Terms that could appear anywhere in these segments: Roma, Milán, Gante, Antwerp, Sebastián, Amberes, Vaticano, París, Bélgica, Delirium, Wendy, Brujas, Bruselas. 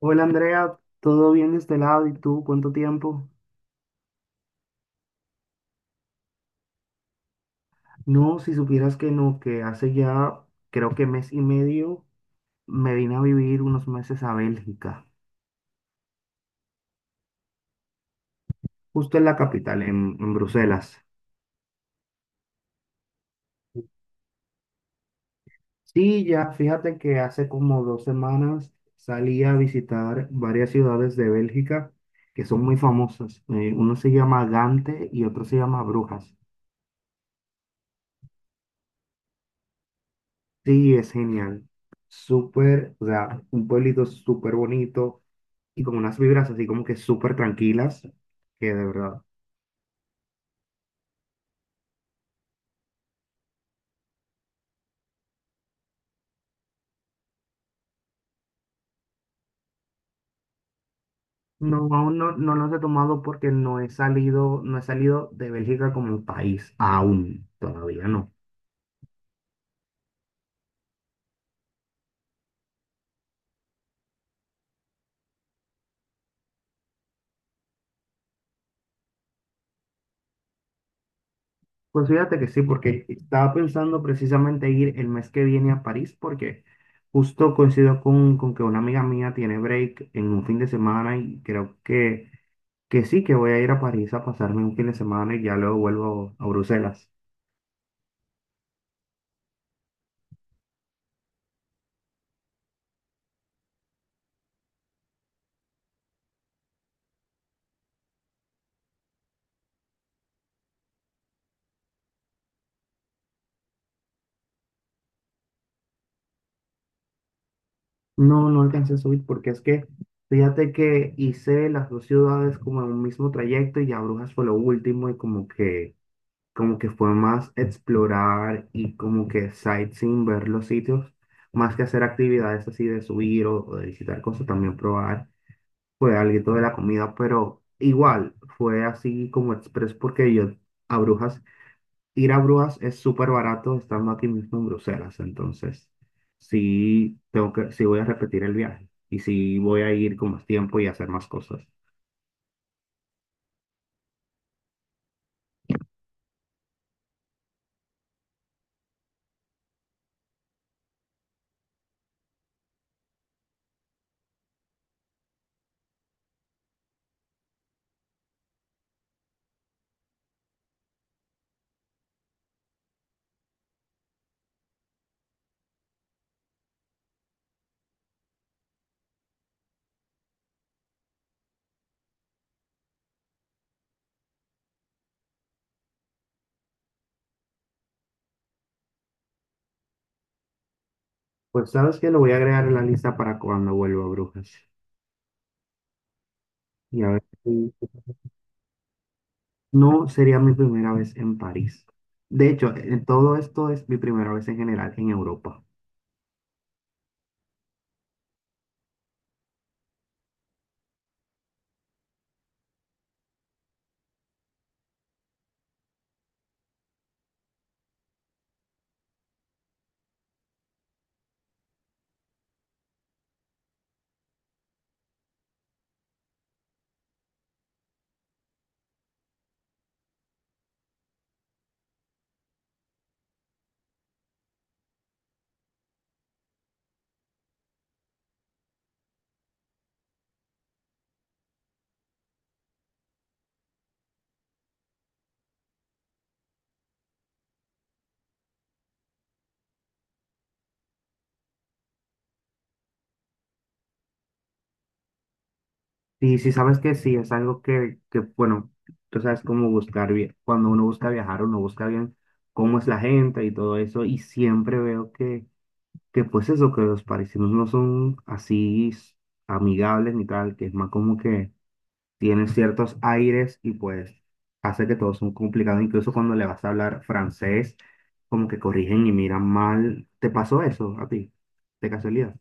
Hola Andrea, ¿todo bien de este lado? ¿Y tú cuánto tiempo? No, si supieras que no, que hace ya creo que mes y medio me vine a vivir unos meses a Bélgica, justo en la capital, en Bruselas. Sí, ya fíjate que hace como 2 semanas salí a visitar varias ciudades de Bélgica que son muy famosas. Uno se llama Gante y otro se llama Brujas. Sí, es genial. Súper, o sea, un pueblito súper bonito, y con unas vibras así como que súper tranquilas, que de verdad. No, aún no, no los he tomado porque no he salido de Bélgica como país, aún, todavía no. Pues fíjate que sí, porque estaba pensando precisamente ir el mes que viene a París, porque justo coincido con que una amiga mía tiene break en un fin de semana y creo que sí, que voy a ir a París a pasarme un fin de semana y ya luego vuelvo a Bruselas. No, no alcancé a subir porque es que fíjate que hice las dos ciudades como en un mismo trayecto y ya Brujas fue lo último y como que fue más explorar y como que sightseeing, ver los sitios, más que hacer actividades así de subir o de visitar cosas, también probar, fue algo de la comida, pero igual fue así como express porque yo a Brujas ir a Brujas es súper barato estando aquí mismo en Bruselas, entonces sí tengo que, sí voy a repetir el viaje y sí voy a ir con más tiempo y hacer más cosas. Pues sabes que lo voy a agregar en la lista para cuando vuelva a Brujas. Y a ver, no sería mi primera vez en París. De hecho, en todo esto es mi primera vez en general en Europa. Y si sabes que sí, es algo que bueno, tú sabes cómo buscar bien. Cuando uno busca viajar, uno busca bien cómo es la gente y todo eso. Y siempre veo que pues eso, que los parisinos no son así amigables ni tal, que es más como que tienen ciertos aires y pues hace que todo son complicado, incluso cuando le vas a hablar francés, como que corrigen y miran mal. ¿Te pasó eso a ti? De casualidad.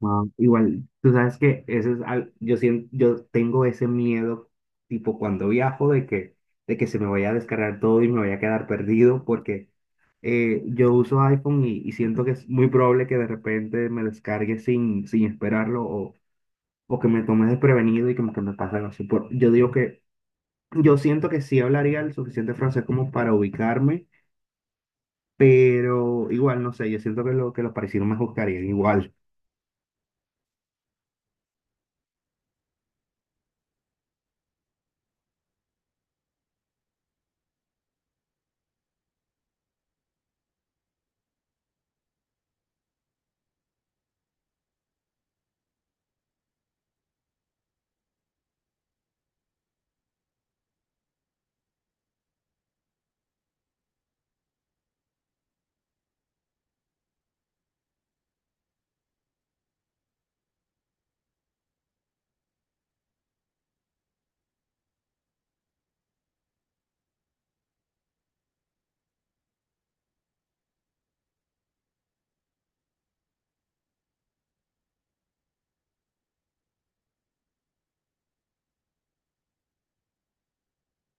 Ah, igual, tú sabes que ese es yo tengo ese miedo, tipo cuando viajo, de que se me vaya a descargar todo y me vaya a quedar perdido, porque yo uso iPhone y siento que es muy probable que de repente me descargue sin esperarlo o que me tome desprevenido y como que me pase algo así. Yo siento que sí hablaría el suficiente francés como para ubicarme, pero igual, no sé, yo siento que los parisinos me juzgarían igual.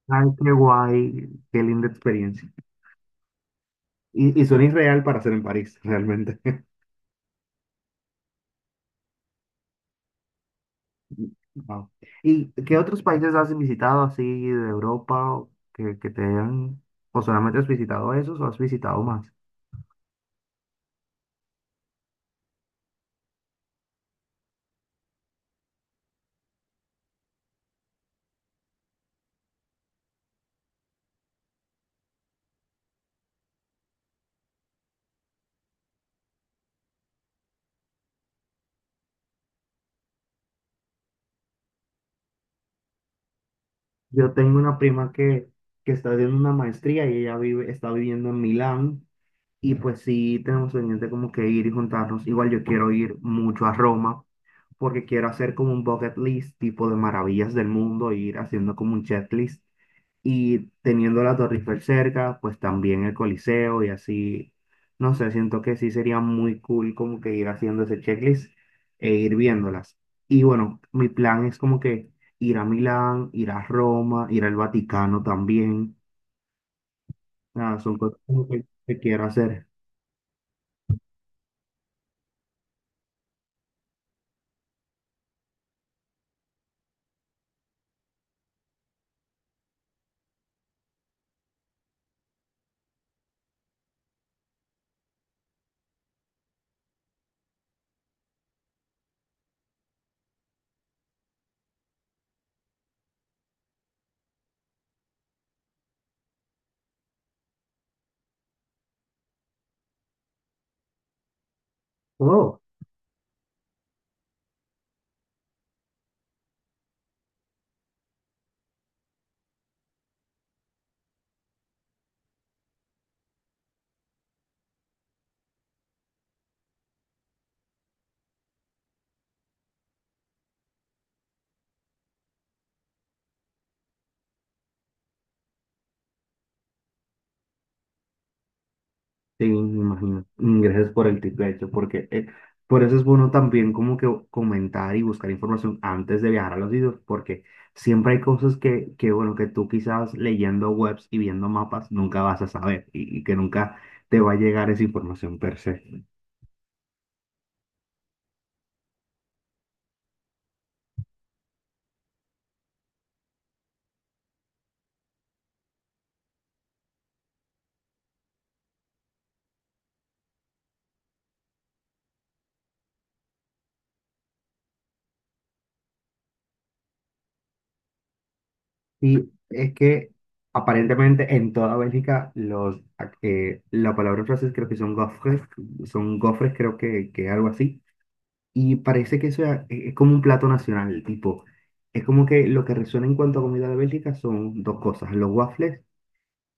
Ay, qué guay, qué linda experiencia. Y suena irreal para hacer en París, realmente. Wow. ¿Y qué otros países has visitado así de Europa o que te hayan, o solamente has visitado esos o has visitado más? Yo tengo una prima que está haciendo una maestría y está viviendo en Milán. Y pues sí, tenemos pendiente como que ir y juntarnos. Igual yo quiero ir mucho a Roma porque quiero hacer como un bucket list tipo de maravillas del mundo, e ir haciendo como un checklist y teniendo la Torre Eiffel cerca, pues también el Coliseo y así. No sé, siento que sí sería muy cool como que ir haciendo ese checklist e ir viéndolas. Y bueno, mi plan es como que ir a Milán, ir a Roma, ir al Vaticano también. Nada, son cosas como que quiero hacer. Oh. Sí, me imagino. Gracias por el tip, de hecho, porque por eso es bueno también como que comentar y buscar información antes de viajar a los sitios, porque siempre hay cosas que, bueno, que tú quizás leyendo webs y viendo mapas nunca vas a saber y que nunca te va a llegar esa información per se. Y es que aparentemente en toda Bélgica la palabra en francés creo que son gofres, creo que algo así. Y parece que eso es como un plato nacional, tipo. Es como que lo que resuena en cuanto a comida de Bélgica son dos cosas, los waffles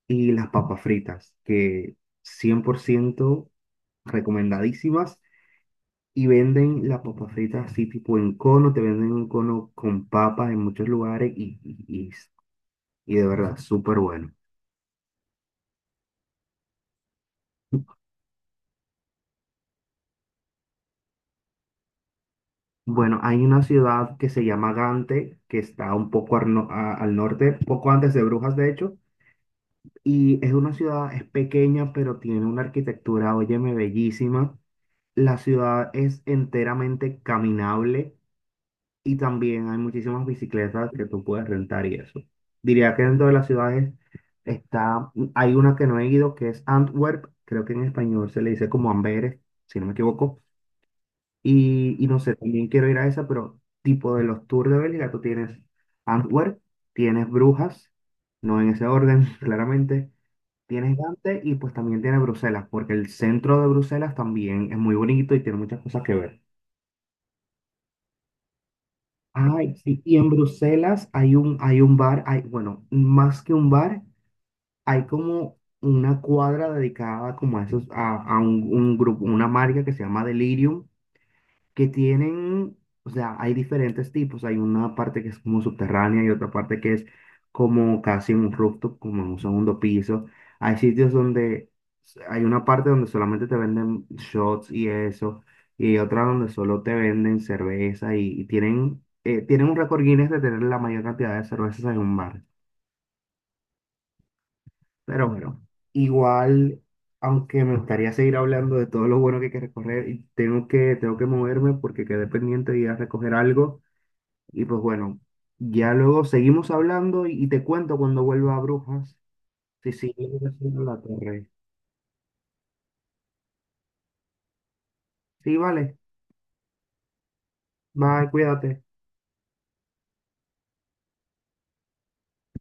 y las papas fritas, que 100% recomendadísimas. Y venden las papas fritas así tipo en cono, te venden un cono con papas en muchos lugares y de verdad, súper bueno. Bueno, hay una ciudad que se llama Gante, que está un poco al, no- a- al norte, poco antes de Brujas, de hecho. Y es una ciudad, es pequeña, pero tiene una arquitectura, óyeme, bellísima. La ciudad es enteramente caminable y también hay muchísimas bicicletas que tú puedes rentar y eso. Diría que dentro de las ciudades hay una que no he ido, que es Antwerp, creo que en español se le dice como Amberes, si no me equivoco. Y no sé, también quiero ir a esa, pero tipo de los tours de Bélgica, tú tienes Antwerp, tienes Brujas, no en ese orden, claramente. Tienes Dante y pues también tiene Bruselas, porque el centro de Bruselas también es muy bonito y tiene muchas cosas que ver. Ay, sí, y en Bruselas hay un, bar, hay, bueno, más que un bar, hay como una cuadra dedicada como a un grupo, una marca que se llama Delirium, que tienen, o sea, hay diferentes tipos. Hay una parte que es como subterránea y otra parte que es como casi en un rooftop, como en un segundo piso. Hay sitios donde hay una parte donde solamente te venden shots y eso, y hay otra donde solo te venden cerveza y tienen un récord Guinness de tener la mayor cantidad de cervezas en un bar. Pero bueno, igual. Aunque me gustaría seguir hablando y pues bueno, ya luego seguimos hablando y te cuento cuando vuelva a Brujas. Sí, sí, yo voy a hacer la torre. Sí, vale. Bye, cuídate.